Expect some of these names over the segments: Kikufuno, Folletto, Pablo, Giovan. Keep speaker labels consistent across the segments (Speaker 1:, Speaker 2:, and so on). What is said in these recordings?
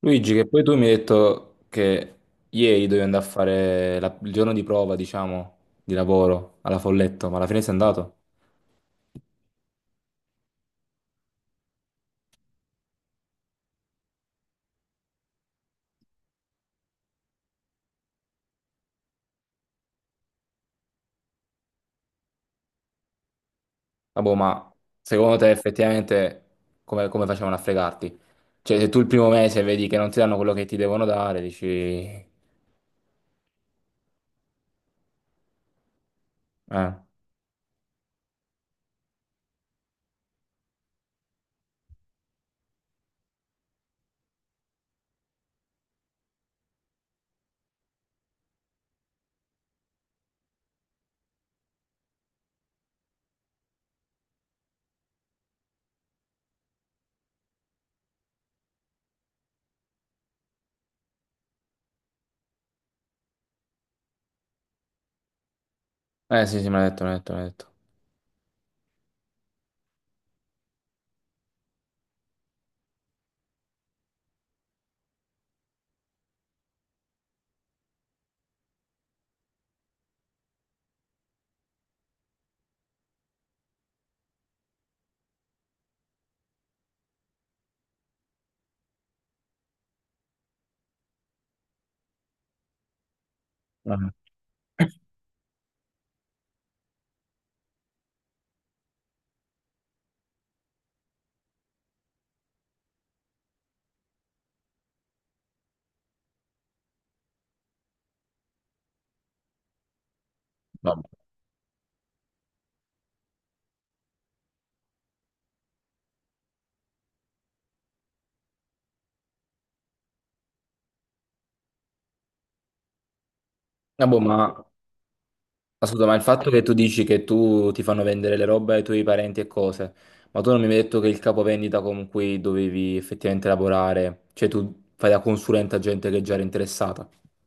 Speaker 1: Luigi, che poi tu mi hai detto che ieri dovevi andare a fare il giorno di prova, diciamo, di lavoro alla Folletto, ma alla fine sei andato? Vabbè, ma secondo te effettivamente come facevano a fregarti? Cioè, se tu il primo mese vedi che non ti danno quello che ti devono dare, dici... eh sì, sì, me l'ha detto, me l'ha detto. Eh, vabbè. Vabbè, ma... Ascolta, ma il fatto che tu dici che tu ti fanno vendere le robe ai tuoi parenti e cose, ma tu non mi hai detto che il capovendita con cui dovevi effettivamente lavorare, cioè tu fai da consulente a gente che già era interessata.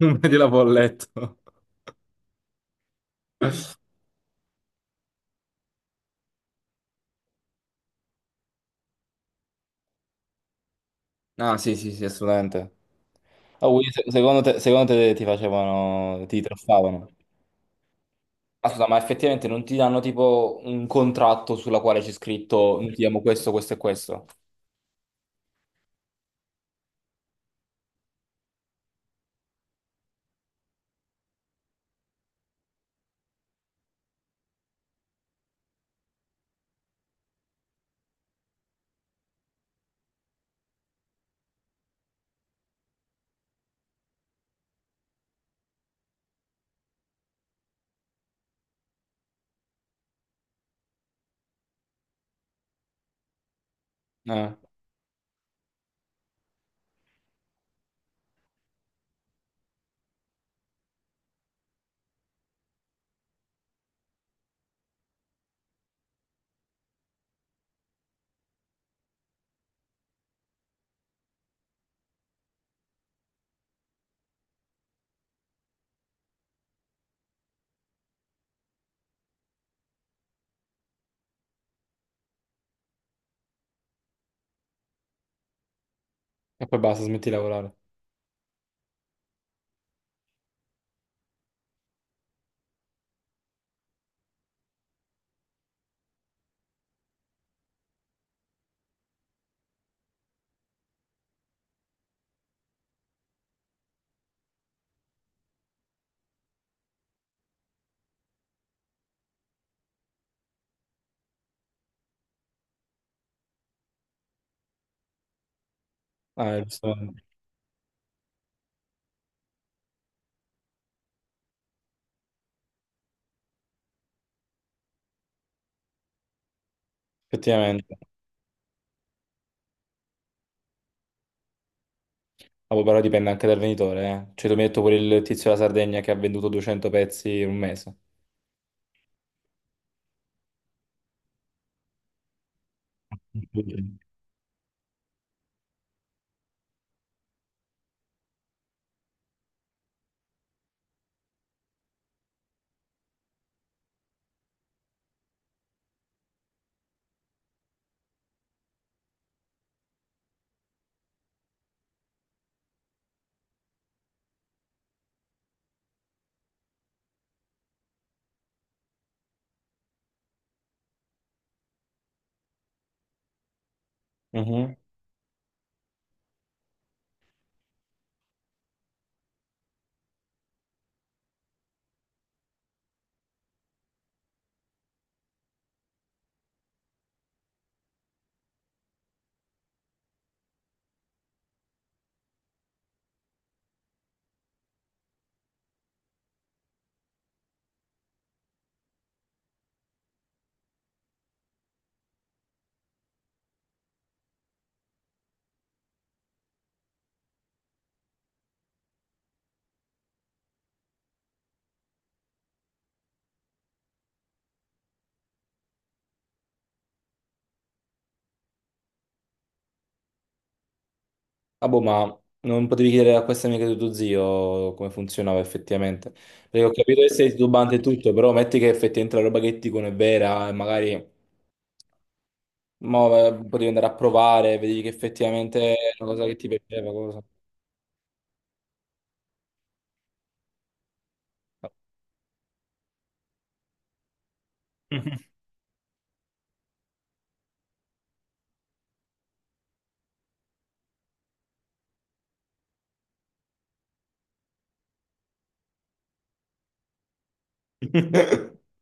Speaker 1: Non vedi la folletto. Ah, sì, sì, sì, assolutamente. Ah, quindi secondo te ti facevano, ti truffavano? Ascolta, ma effettivamente non ti danno tipo un contratto sulla quale c'è scritto noi ti diamo questo, questo e questo? Eh, e poi basta, smetti di lavorare. Giustamente. Effettivamente. Ah, boh, però dipende anche dal venditore, eh. Cioè, tu mi hai detto pure il tizio della Sardegna che ha venduto 200 pezzi in un mese. Mhm. Ah, boh, ma non potevi chiedere a questa amica di tuo zio come funzionava effettivamente? Perché ho capito che sei titubante e tutto, però metti che effettivamente la roba che ti dicono è vera e magari mo, potevi andare a provare, vedi che effettivamente è una cosa che ti piaceva, cosa.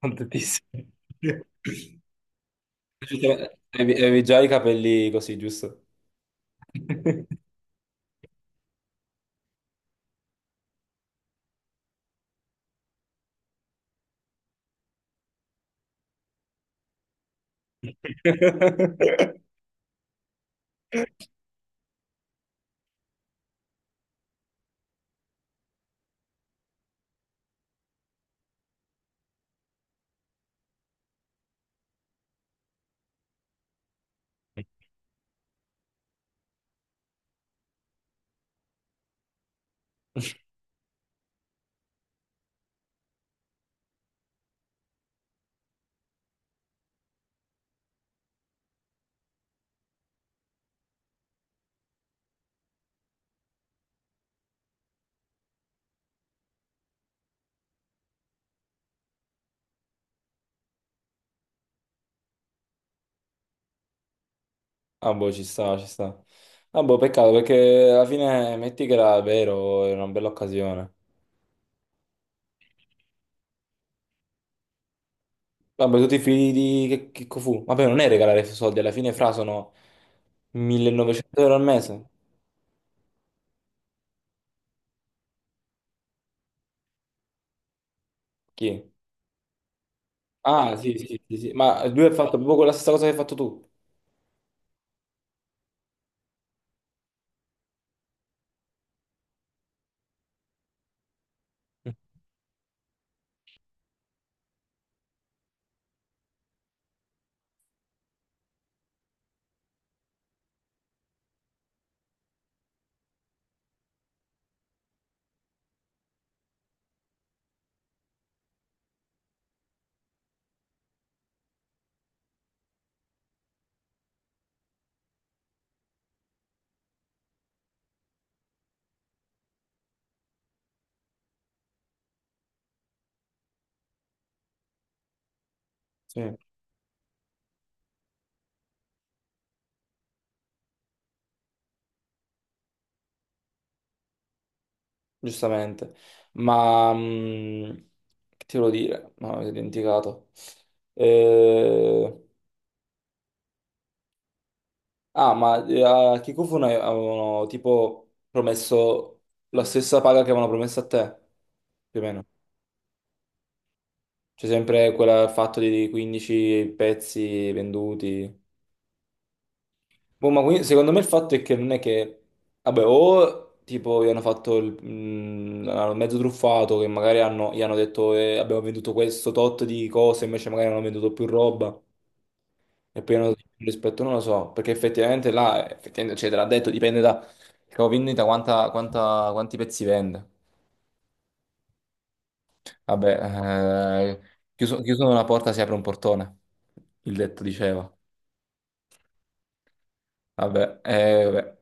Speaker 1: Contentissimo. Avevi già i capelli così, giusto? Ah, boh, ci sta, ci sta. Ah, boh, peccato perché alla fine metti che era vero, era una bella occasione. Vabbè, tutti i figli di che fu? Vabbè, non è regalare soldi, alla fine fra sono 1900 euro al mese. Chi? Ah, sì, sì, sì, sì. Ma lui ha fatto proprio la stessa cosa che hai fatto tu. Sì, giustamente. Ma che ti volevo dire? No, mi sono dimenticato. Eh... Ah, ma a Kikufuno avevano tipo promesso la stessa paga che avevano promesso a te, più o meno. C'è sempre quel fatto di 15 pezzi venduti. Boh, ma quindi, secondo me il fatto è che non è che... Vabbè, o tipo gli hanno fatto il mm, hanno mezzo truffato, che magari gli hanno detto abbiamo venduto questo tot di cose, invece magari hanno venduto più roba. E poi hanno dato di più rispetto, non lo so, perché effettivamente là, effettivamente, cioè, te l'ha detto, dipende da vendita, quanti pezzi vende. Vabbè, chiuso una porta si apre un portone, il detto diceva. Vabbè, vabbè.